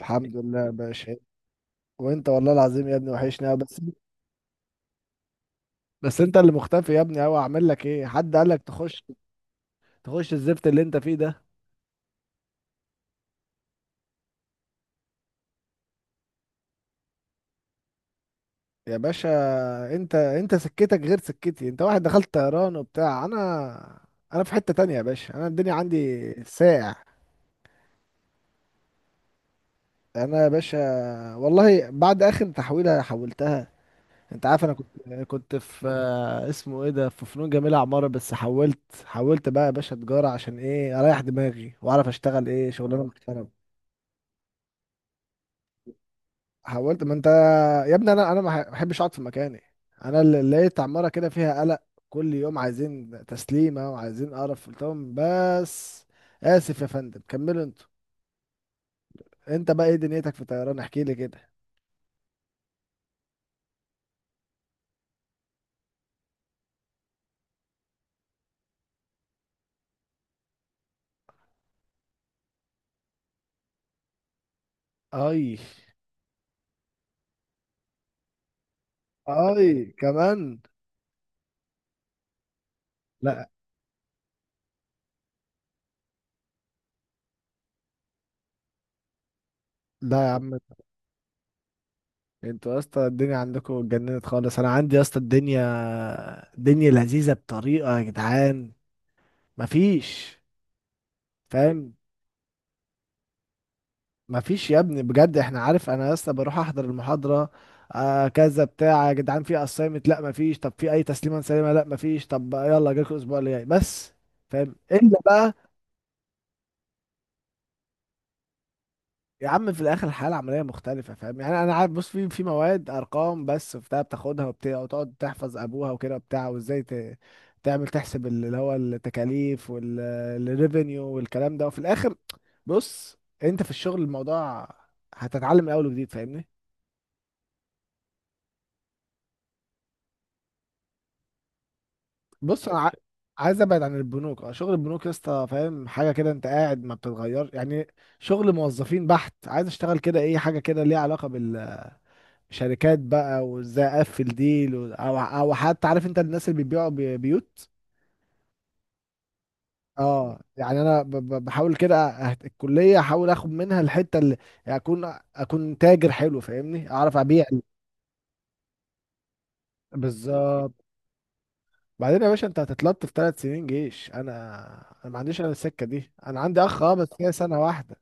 الحمد لله يا باشا. وانت والله العظيم يا ابني، وحشني أوي بس. بس انت اللي مختفي يا ابني اوي، اعمل لك ايه؟ حد قال لك تخش الزفت اللي انت فيه ده يا باشا. انت سكتك غير سكتي، انت واحد دخلت طيران وبتاع. انا في حتة تانية يا باشا، انا الدنيا عندي ساقع. انا يا باشا والله بعد اخر تحويلة حولتها، انت عارف. انا كنت في اسمه ايه ده في فنون جميلة عمارة، بس حولت بقى يا باشا تجارة، عشان ايه؟ اريح دماغي، واعرف اشتغل ايه، شغلانة محترمة. حاولت ما انت يا ابني، انا ما بحبش اقعد في مكاني. انا اللي لقيت عماره كده فيها قلق، كل يوم عايزين تسليمه وعايزين قرف. قلت لهم بس، اسف يا فندم كملوا انتوا. انت بقى ايه دنيتك في الطيران؟ احكي لي كده. اي، اي كمان؟ لا لا يا عم، انتوا يا اسطى الدنيا عندكم اتجننت خالص. انا عندي يا اسطى، الدنيا لذيذه بطريقه يا جدعان، مفيش. فاهم؟ ما فيش يا ابني بجد، احنا عارف انا لسه بروح احضر المحاضره، آه كذا بتاع يا جدعان. في اسايمنت؟ لا ما فيش. طب في اي تسليمه سليمه؟ لا ما فيش. طب يلا، جاكوا الاسبوع اللي جاي بس. فاهم الا بقى؟ يا عم في الاخر الحياه العمليه مختلفه، فاهم يعني؟ انا عارف، بص، في مواد ارقام بس وبتاع، بتاخدها وبتاع وتقعد تحفظ ابوها وكده وبتاع، وازاي تعمل تحسب اللي هو التكاليف والريفينيو والكلام ده، وفي الاخر بص، انت في الشغل الموضوع هتتعلم من اول وجديد، فاهمني؟ بص، عايز ابعد عن البنوك. اه شغل البنوك يا اسطى فاهم حاجه كده، انت قاعد ما بتتغير يعني، شغل موظفين بحت. عايز اشتغل كده ايه، حاجه كده ليها علاقه بالشركات بقى، وازاي اقفل ديل او حتى، عارف انت الناس اللي بيبيعوا بيوت. اه يعني انا بحاول كده، الكليه احاول اخد منها الحته اللي يعني اكون تاجر حلو، فاهمني؟ اعرف ابيع. بالظبط. بعدين يا باشا انت هتتلطف في 3 سنين جيش، انا انا ما عنديش، انا السكه دي انا عندي اخ اه، بس هي 1 سنه.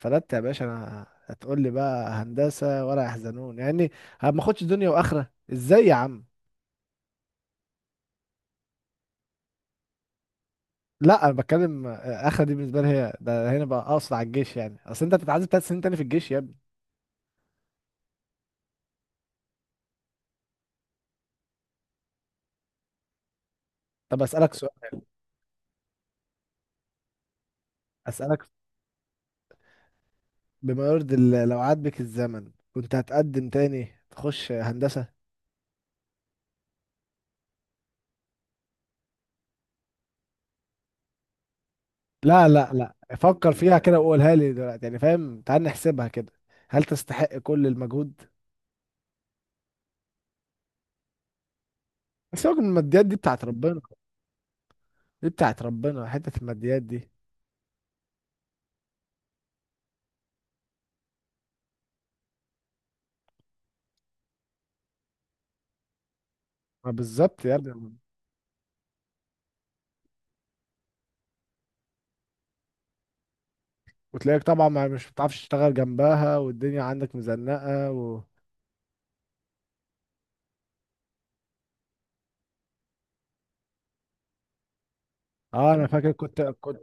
فلت يا باشا، انا هتقول لي بقى هندسه ولا يحزنون يعني؟ ما اخدش دنيا واخره، ازاي يا عم؟ لا انا بتكلم اخره دي بالنسبه لي هي ده هنا بقى، اقصد على الجيش يعني، اصل انت بتتعذب 3 سنين تاني في الجيش يا ابني. طب اسالك سؤال، اسالك، بما يرضي الله، لو عاد بك الزمن كنت هتقدم تاني تخش هندسه؟ لا لا لا، فكر فيها كده وقولها لي دلوقتي يعني، فاهم؟ تعال نحسبها كده، هل تستحق كل المجهود؟ سيبك من الماديات دي بتاعت ربنا، دي بتاعت ربنا حته الماديات دي. ما بالظبط يا ابني، وتلاقيك طبعا ما مش بتعرفش تشتغل جنبها، والدنيا عندك مزنقه اه انا فاكر، كنت كنت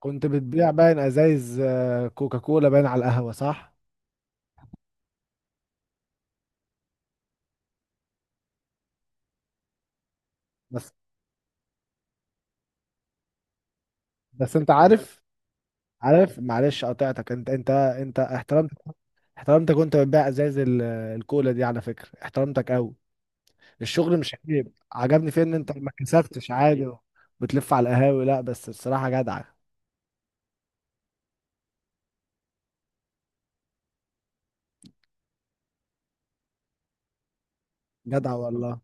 كنت بتبيع باين ازايز كوكاكولا باين على القهوه، صح؟ بس بس انت عارف، عارف معلش قطعتك، انت احترمت، احترمتك وانت بتبيع ازايز الكولا دي، على فكره احترمتك قوي. الشغل مش عيب، عجبني فيه ان انت ما كسفتش عادي بتلف على القهاوي. لا بس الصراحه جدع، جدع والله.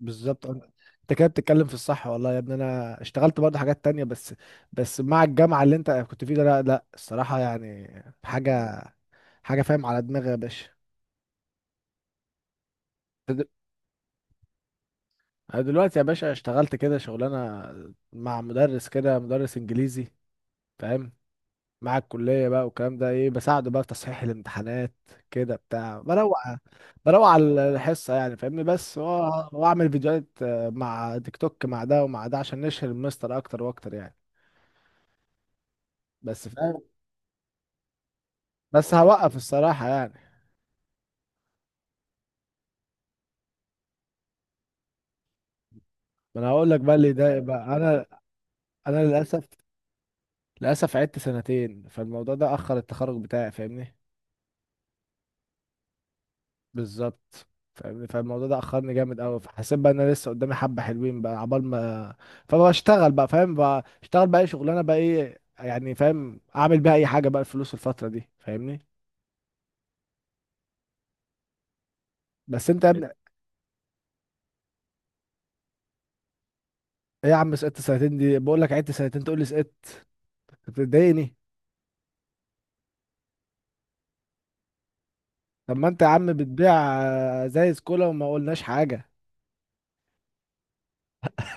بالظبط، انت كده بتتكلم في الصح. والله يا ابني انا اشتغلت برضه حاجات تانية بس مع الجامعة اللي انت كنت فيه ده لا لا، الصراحة يعني حاجة حاجة فاهم على دماغي يا باشا. انت د- انا دلوقتي يا باشا اشتغلت كده شغلانة مع مدرس كده، مدرس انجليزي، فاهم؟ مع الكلية بقى والكلام ده ايه، بساعده بقى في تصحيح الامتحانات كده بتاع، بروق على الحصة يعني فاهمني. بس واعمل فيديوهات مع تيك توك مع ده ومع ده، عشان نشهر المستر اكتر واكتر يعني. بس فاهم، بس هوقف الصراحة يعني. ما انا هقول لك بقى اللي يضايق بقى انا للاسف عدت سنتين، فالموضوع ده اخر التخرج بتاعي، فاهمني؟ بالظبط. فاهمني، فالموضوع ده اخرني جامد قوي، فحسيت بقى ان انا لسه قدامي حبة حلوين بقى عبال ما. فبشتغل بقى، فاهم، بشتغل بقى اي شغلانة بقى، ايه يعني فاهم، اعمل بيها اي حاجة بقى، الفلوس الفترة دي، فاهمني؟ بس انت يا ابني، ايه يا عم سقطت سنتين؟ دي بقول لك عدت سنتين تقول لي سقطت! بتضايقني. طب ما انت يا عم بتبيع زي سكولا وما قلناش حاجة.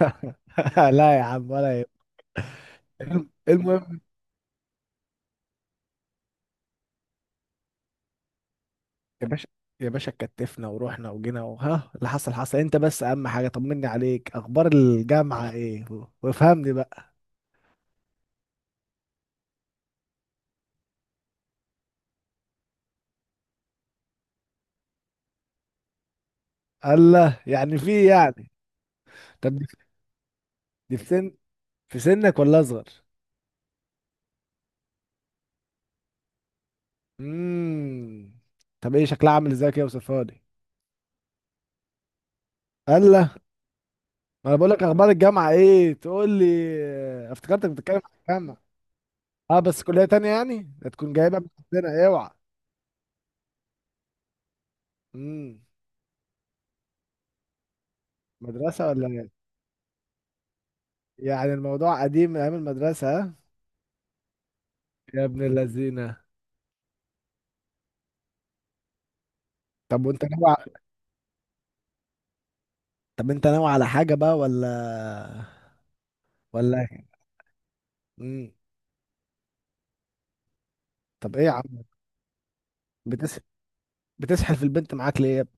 لا يا عم ولا يهمك. المهم، يا باشا، يا باشا كتفنا ورحنا وجينا، وها اللي حصل حصل. انت بس اهم حاجه طمني عليك، اخبار الجامعه ايه وافهمني بقى. الله، يعني في إيه يعني؟ طب دي في سنك ولا اصغر؟ امم. طب ايه شكلها عامل ازاي كده؟ وصفها لي. الله! ما انا بقول لك اخبار الجامعه ايه تقول لي، اه، افتكرتك بتتكلم عن الجامعه. اه بس كليه تانية يعني؟ هتكون جايبها من عندنا اوعى! امم. مدرسه ولا إيه؟ يعني الموضوع قديم من ايام المدرسة، ها؟ يا ابن اللذينة. طب وانت ناوي ع- طب انت ناوي على حاجة بقى ولا مم. طب ايه يا عم، بتس... بتسحل في البنت معاك ليه يا ابني؟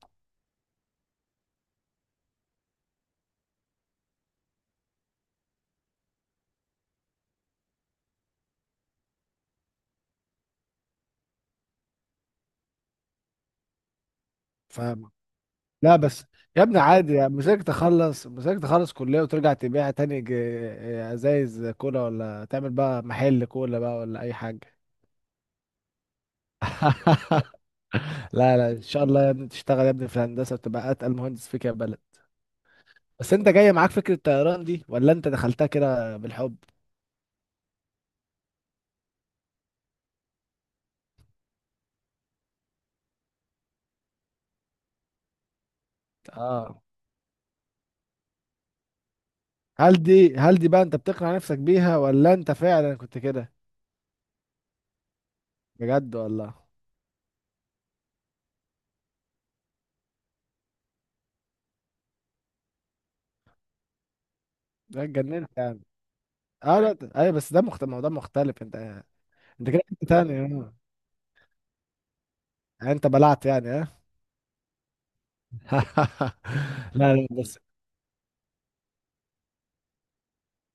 فاهم. لا بس يا ابني عادي، يا مزاجك تخلص كلية وترجع تبيع تاني ازايز كولا، ولا تعمل بقى محل كولا بقى، ولا اي حاجة. لا لا، ان شاء الله يا ابني تشتغل يا ابني في الهندسة، وتبقى اتقل مهندس فيك يا بلد. بس انت جاي معاك فكرة الطيران دي، ولا انت دخلتها كده بالحب؟ اه، هل دي بقى انت بتقنع نفسك بيها ولا انت فعلا كنت كده؟ بجد والله؟ ده اتجننت يعني. اه لا ايوه، بس ده مختلف، موضوع مختلف انت. انت كده كنت تاني؟ اه، يعني انت بلعت يعني؟ اه. لا لا بس،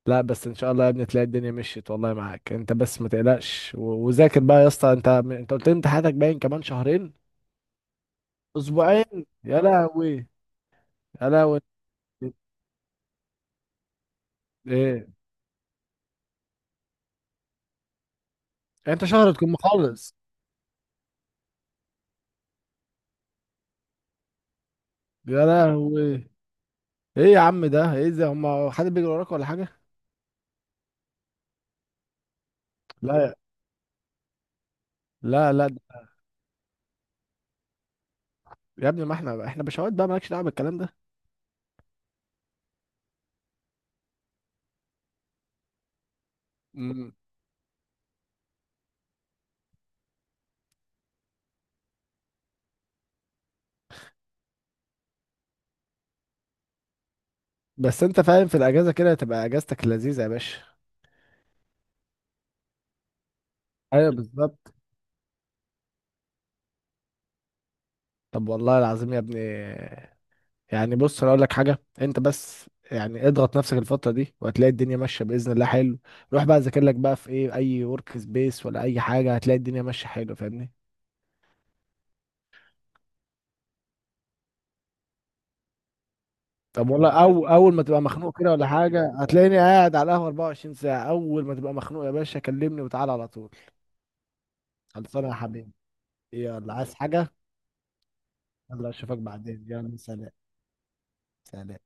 لا بس ان شاء الله يا ابني تلاقي الدنيا مشيت، والله معاك انت بس ما تقلقش وذاكر بقى يا اسطى. انت قلت لي امتحاناتك باين كمان شهرين، اسبوعين؟ يا لهوي. يا لهوي، ايه؟ إيه؟ انت شهر تكون مخلص؟ يا لهوي. ايه يا عم، ده ايه ده، هم حد بيجري وراك ولا حاجه؟ لا لا لا يا ابني، ما احنا بشوات بقى، مالكش دعوه بالكلام ده. مم. بس انت فاهم، في الاجازه كده تبقى اجازتك اللذيذه يا باشا. ايوه بالظبط. طب والله العظيم يا ابني، يعني بص انا اقول لك حاجه، انت بس يعني اضغط نفسك الفتره دي، وهتلاقي الدنيا ماشيه باذن الله، حلو؟ روح بقى ذاكر لك بقى في ايه، اي ورك سبيس ولا اي حاجه، هتلاقي الدنيا ماشيه حلو، فاهمني؟ طب والله، أول ما تبقى مخنوق كده ولا حاجة، هتلاقيني قاعد على القهوة 24 ساعة، أول ما تبقى مخنوق يا باشا كلمني وتعالى على طول. خلصانة يا حبيبي. يلا، عايز حاجة؟ يلا أشوفك بعدين، يلا سلام. سلام.